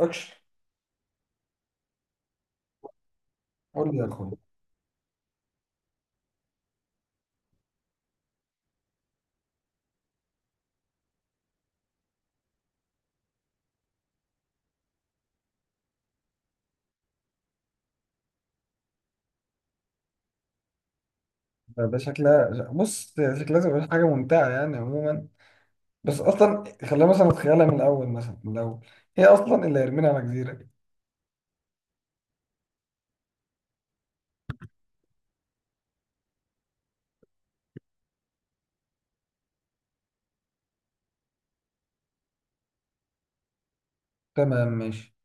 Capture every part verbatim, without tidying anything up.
اكشن، قول لي يا اخويا. ده ده شكلها، بص، شكلها تبقى حاجه ممتعه يعني عموما. بس اصلا خلينا مثلا نتخيلها من الاول، مثلا من الاول، هي اصلا اللي هيرمينا على جزيره. تمام، ماشي.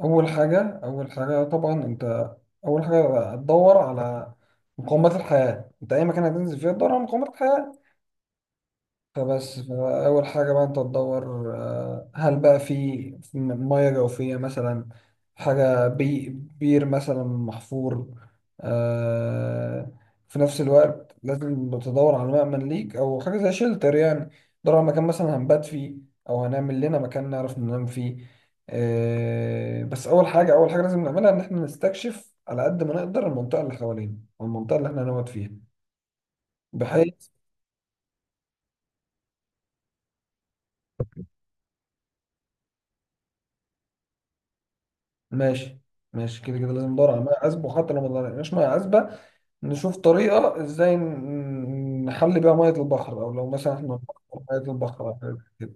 اول حاجه اول حاجه طبعا انت، اول حاجه هتدور على مقومات الحياه. انت اي مكان هتنزل فيه تدور على مقومات الحياه. فبس، فأول حاجة بقى أنت تدور، آه، هل بقى في، في مياه جوفية مثلا، حاجة، بي بير مثلا محفور. آه، في نفس الوقت لازم تدور على مأمن ليك أو حاجة زي شيلتر يعني. تدور على مكان مثلا هنبات فيه، أو هنعمل لنا مكان نعرف ننام فيه. آه، بس أول حاجة أول حاجة لازم نعملها إن إحنا نستكشف على قد ما نقدر المنطقة اللي حوالينا والمنطقة اللي إحنا هنقعد فيها، بحيث. ماشي، ماشي، كده كده لازم ندور على ميه عذبه، وحتى لو ما لقيناش ميه عذبه نشوف طريقه ازاي ن- نحل بيها ميه البحر، او لو مثلا احنا بنحط ميه البحر أو حاجة كده.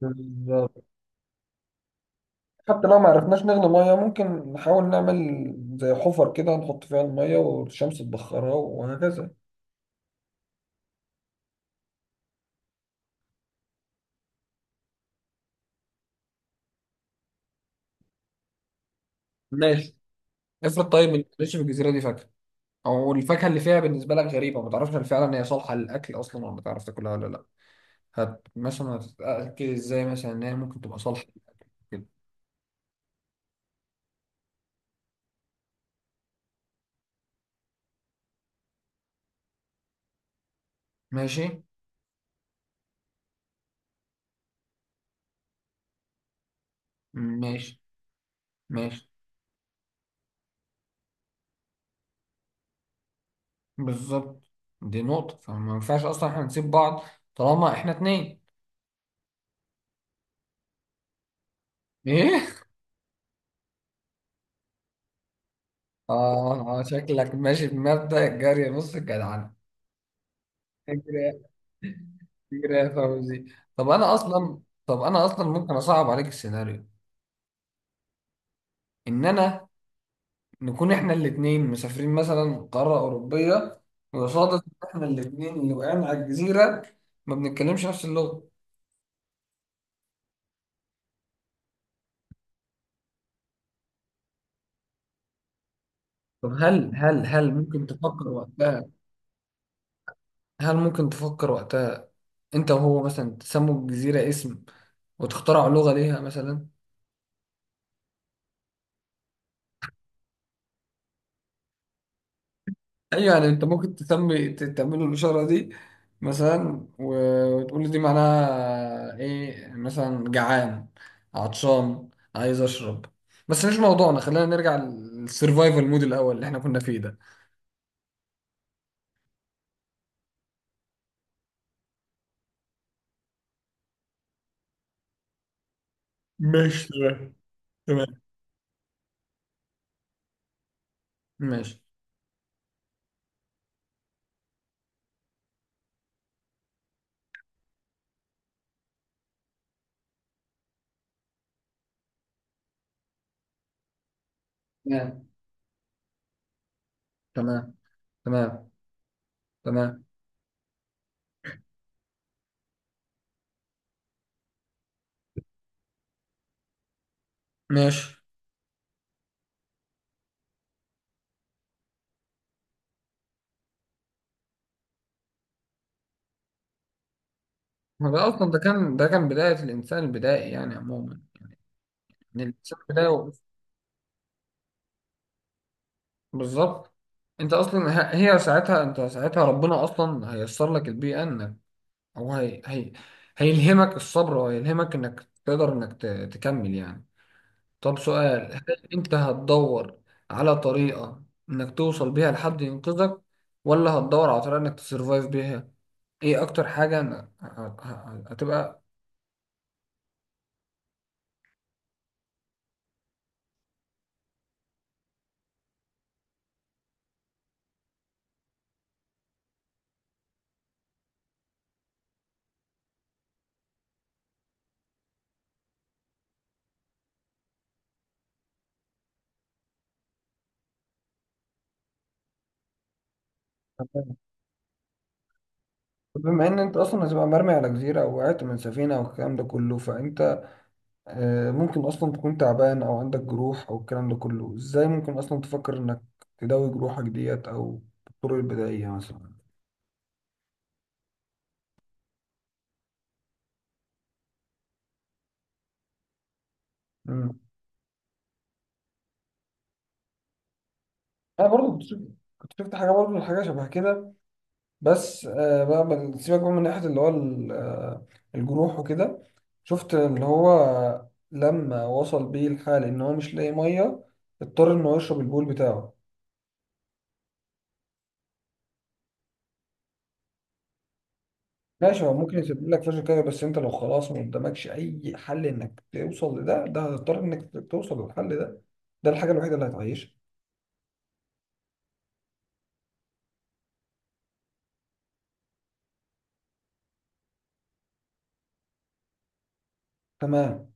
بالظبط، حتى لو ما عرفناش نغلي ميه ممكن نحاول نعمل زي حفر كده، نحط فيها الميه والشمس تبخرها وهكذا. ماشي، افرض طيب ما تلاقيش في الجزيرة دي فاكهة، او الفاكهة اللي فيها بالنسبة لك غريبة ما تعرفش هل فعلا هي صالحة للأكل أصلا، ولا ما تعرف تاكلها ولا لا. هت مثلا هتتأكد ازاي مثلا ان هي ممكن تبقى صالحة للأكل. ماشي، ماشي، ماشي. بالظبط، دي نقطة، فما ينفعش أصلا احنا نسيب بعض طالما احنا اتنين. ايه؟ اه آه، شكلك ماشي بمبدأ الجري نص الجدعنة. فكرة، فكرة يا فوزي. طب أنا أصلا، طب أنا أصلا ممكن أصعب عليك السيناريو، إن أنا، نكون احنا الاتنين مسافرين مثلا قارة أوروبية، وصادف إن احنا الاتنين اللي وقعنا على الجزيرة، ما بنتكلمش نفس اللغة. طب هل هل هل ممكن تفكر وقتها؟ هل ممكن تفكر وقتها انت وهو مثلا تسموا الجزيرة اسم، وتخترعوا لغة ليها مثلا؟ ايوه يعني انت ممكن تسمي، ت- تعملوا الإشارة دي مثلا، و- وتقول لي دي معناها ايه، مثلا جعان، عطشان، عايز اشرب. بس مش موضوعنا، خلينا نرجع للسرفايفل مود الاول اللي احنا كنا فيه ده. ماشي، تمام. تمام، ماشي. تمام، تمام، تمام. تمام، ماشي. ما ده اصلا، ده كان ده كان بداية الانسان البدائي يعني عموما. الشك ده. بالظبط، انت اصلا، ه- هي ساعتها، انت ساعتها ربنا اصلا هيسر لك البيئه انك، او هي هي هيلهمك الصبر، وهيلهمك انك تقدر انك ت- تكمل يعني. طب سؤال، هل انت هتدور على طريقه انك توصل بيها لحد ينقذك، ولا هتدور على طريقه انك تسرفايف بيها؟ ايه اكتر حاجه أنا- ه- ه- هتبقى؟ بما ان انت اصلا هتبقى مرمي على جزيره او وقعت من سفينه والكلام ده كله، فانت آه، ممكن اصلا تكون تعبان او عندك جروح او الكلام ده كله، ازاي ممكن اصلا تفكر انك تداوي جروحك ديت او بالطرق البدائية مثلا؟ مم. انا برضو كنت شفت، كنت شفت حاجة برضو، حاجة شبه كده. بس آه، بقى، بقى- سيبك بقى من ناحية اللي هو ال- آه، الجروح وكده. شفت اللي هو لما وصل بيه الحال ان هو مش لاقي مية، اضطر ان هو يشرب البول بتاعه. ماشي، هو ممكن يسيب لك فلوس كده، بس انت لو خلاص ما قدامكش اي حل انك توصل لده، ده هتضطر انك توصل للحل ده. ده الحاجه الوحيده اللي هتعيشك. تمام.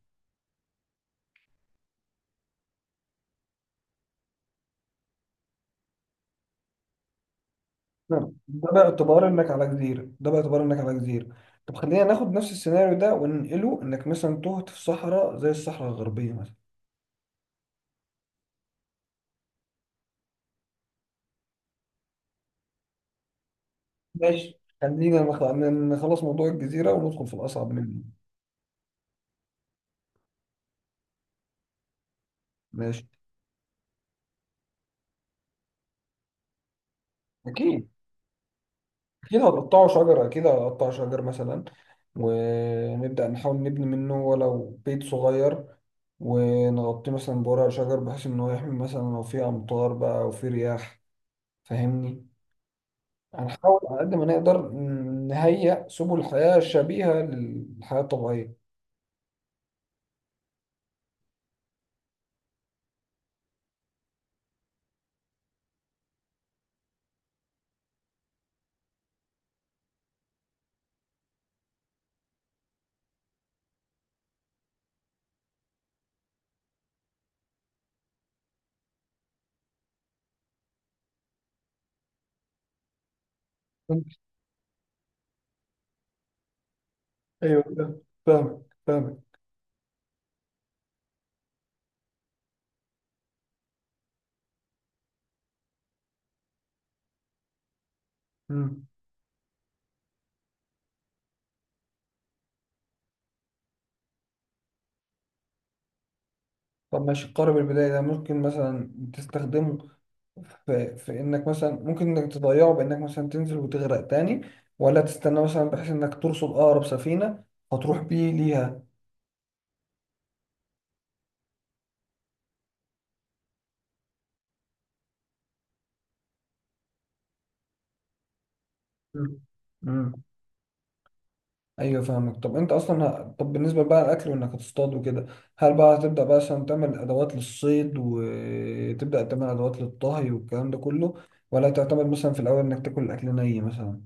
تمام، ده باعتبار انك على جزيره، ده باعتبار انك على جزيره. طب خلينا ناخد نفس السيناريو ده وننقله انك مثلا تهت في صحراء زي الصحراء الغربيه مثلا. ماشي، خلينا نخ- نخلص موضوع الجزيره وندخل في الاصعب منه. ماشي، اكيد. أكيد هتقطعوا شجرة، أكيد هتقطع شجر مثلا، ونبدأ نحاول نبني منه ولو بيت صغير، ونغطيه مثلا بورق شجر بحيث إن هو يحمي مثلا لو في أمطار بقى أو في رياح. فاهمني، هنحاول على قد ما نقدر نهيئ سبل حياة شبيهة للحياة الطبيعية. ايوه فاهم- فاهمك، فاهمك. مم. طب ماشي، قارب البداية ده ممكن مثلا تستخدمه في، في انك مثلا ممكن انك تضيعه بانك مثلا تنزل وتغرق تاني، ولا تستنى مثلا بحيث انك ترصد اقرب سفينة فتروح بيه ليها؟ مم. مم. ايوه فاهمك. طب انت اصلا ه- طب بالنسبه بقى الاكل، وانك هتصطاد وكده، هل بقى هتبدا بقى مثلا تعمل ادوات للصيد وتبدا تعمل ادوات للطهي والكلام ده كله، ولا تعتمد مثلا في الاول انك تاكل الاكل ني مثلا؟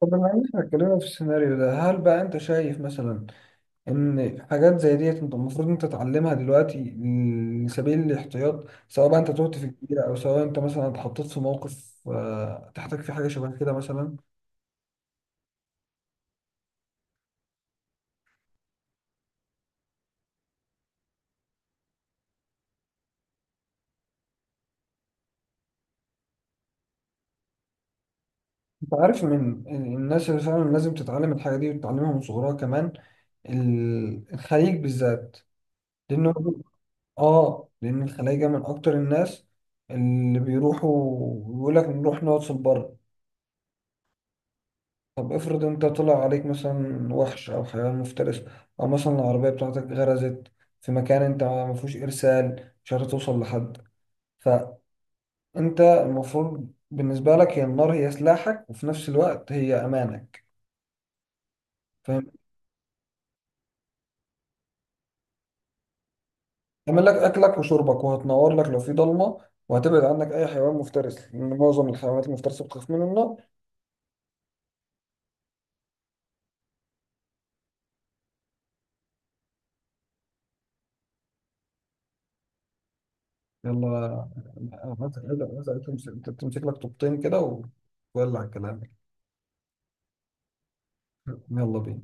طب بما ان احنا اتكلمنا في السيناريو ده، هل بقى انت شايف مثلا ان حاجات زي ديت انت المفروض انت تتعلمها دلوقتي لسبيل الاحتياط، سواء بقى انت تهت في كبيرة او سواء انت مثلا اتحطيت في موقف آه، تحتاج فيه حاجه شبه كده مثلا؟ انت عارف من الناس اللي فعلا لازم تتعلم الحاجه دي وتتعلمها من صغرها كمان؟ ال- الخليج بالذات، لانه، اه لان الخلايجه من اكتر الناس اللي بيروحوا يقول لك نروح نقعد في البر. طب افرض انت طلع عليك مثلا وحش او حيوان مفترس، او مثلا العربية بتاعتك غرزت في مكان انت ما فيهوش ارسال، مش عارف توصل لحد، فانت المفروض بالنسبة لك هي النار هي سلاحك، وفي نفس الوقت هي امانك. فاهم، تعمل لك اكلك وشربك، وهتنور لك لو في ضلمة، وهتبعد عنك اي حيوان مفترس لان معظم الحيوانات المفترسة بتخاف من النار. يلا، مثلا تمسك، تمسك لك طوبتين كده و- وولع كلامك. يلا بينا.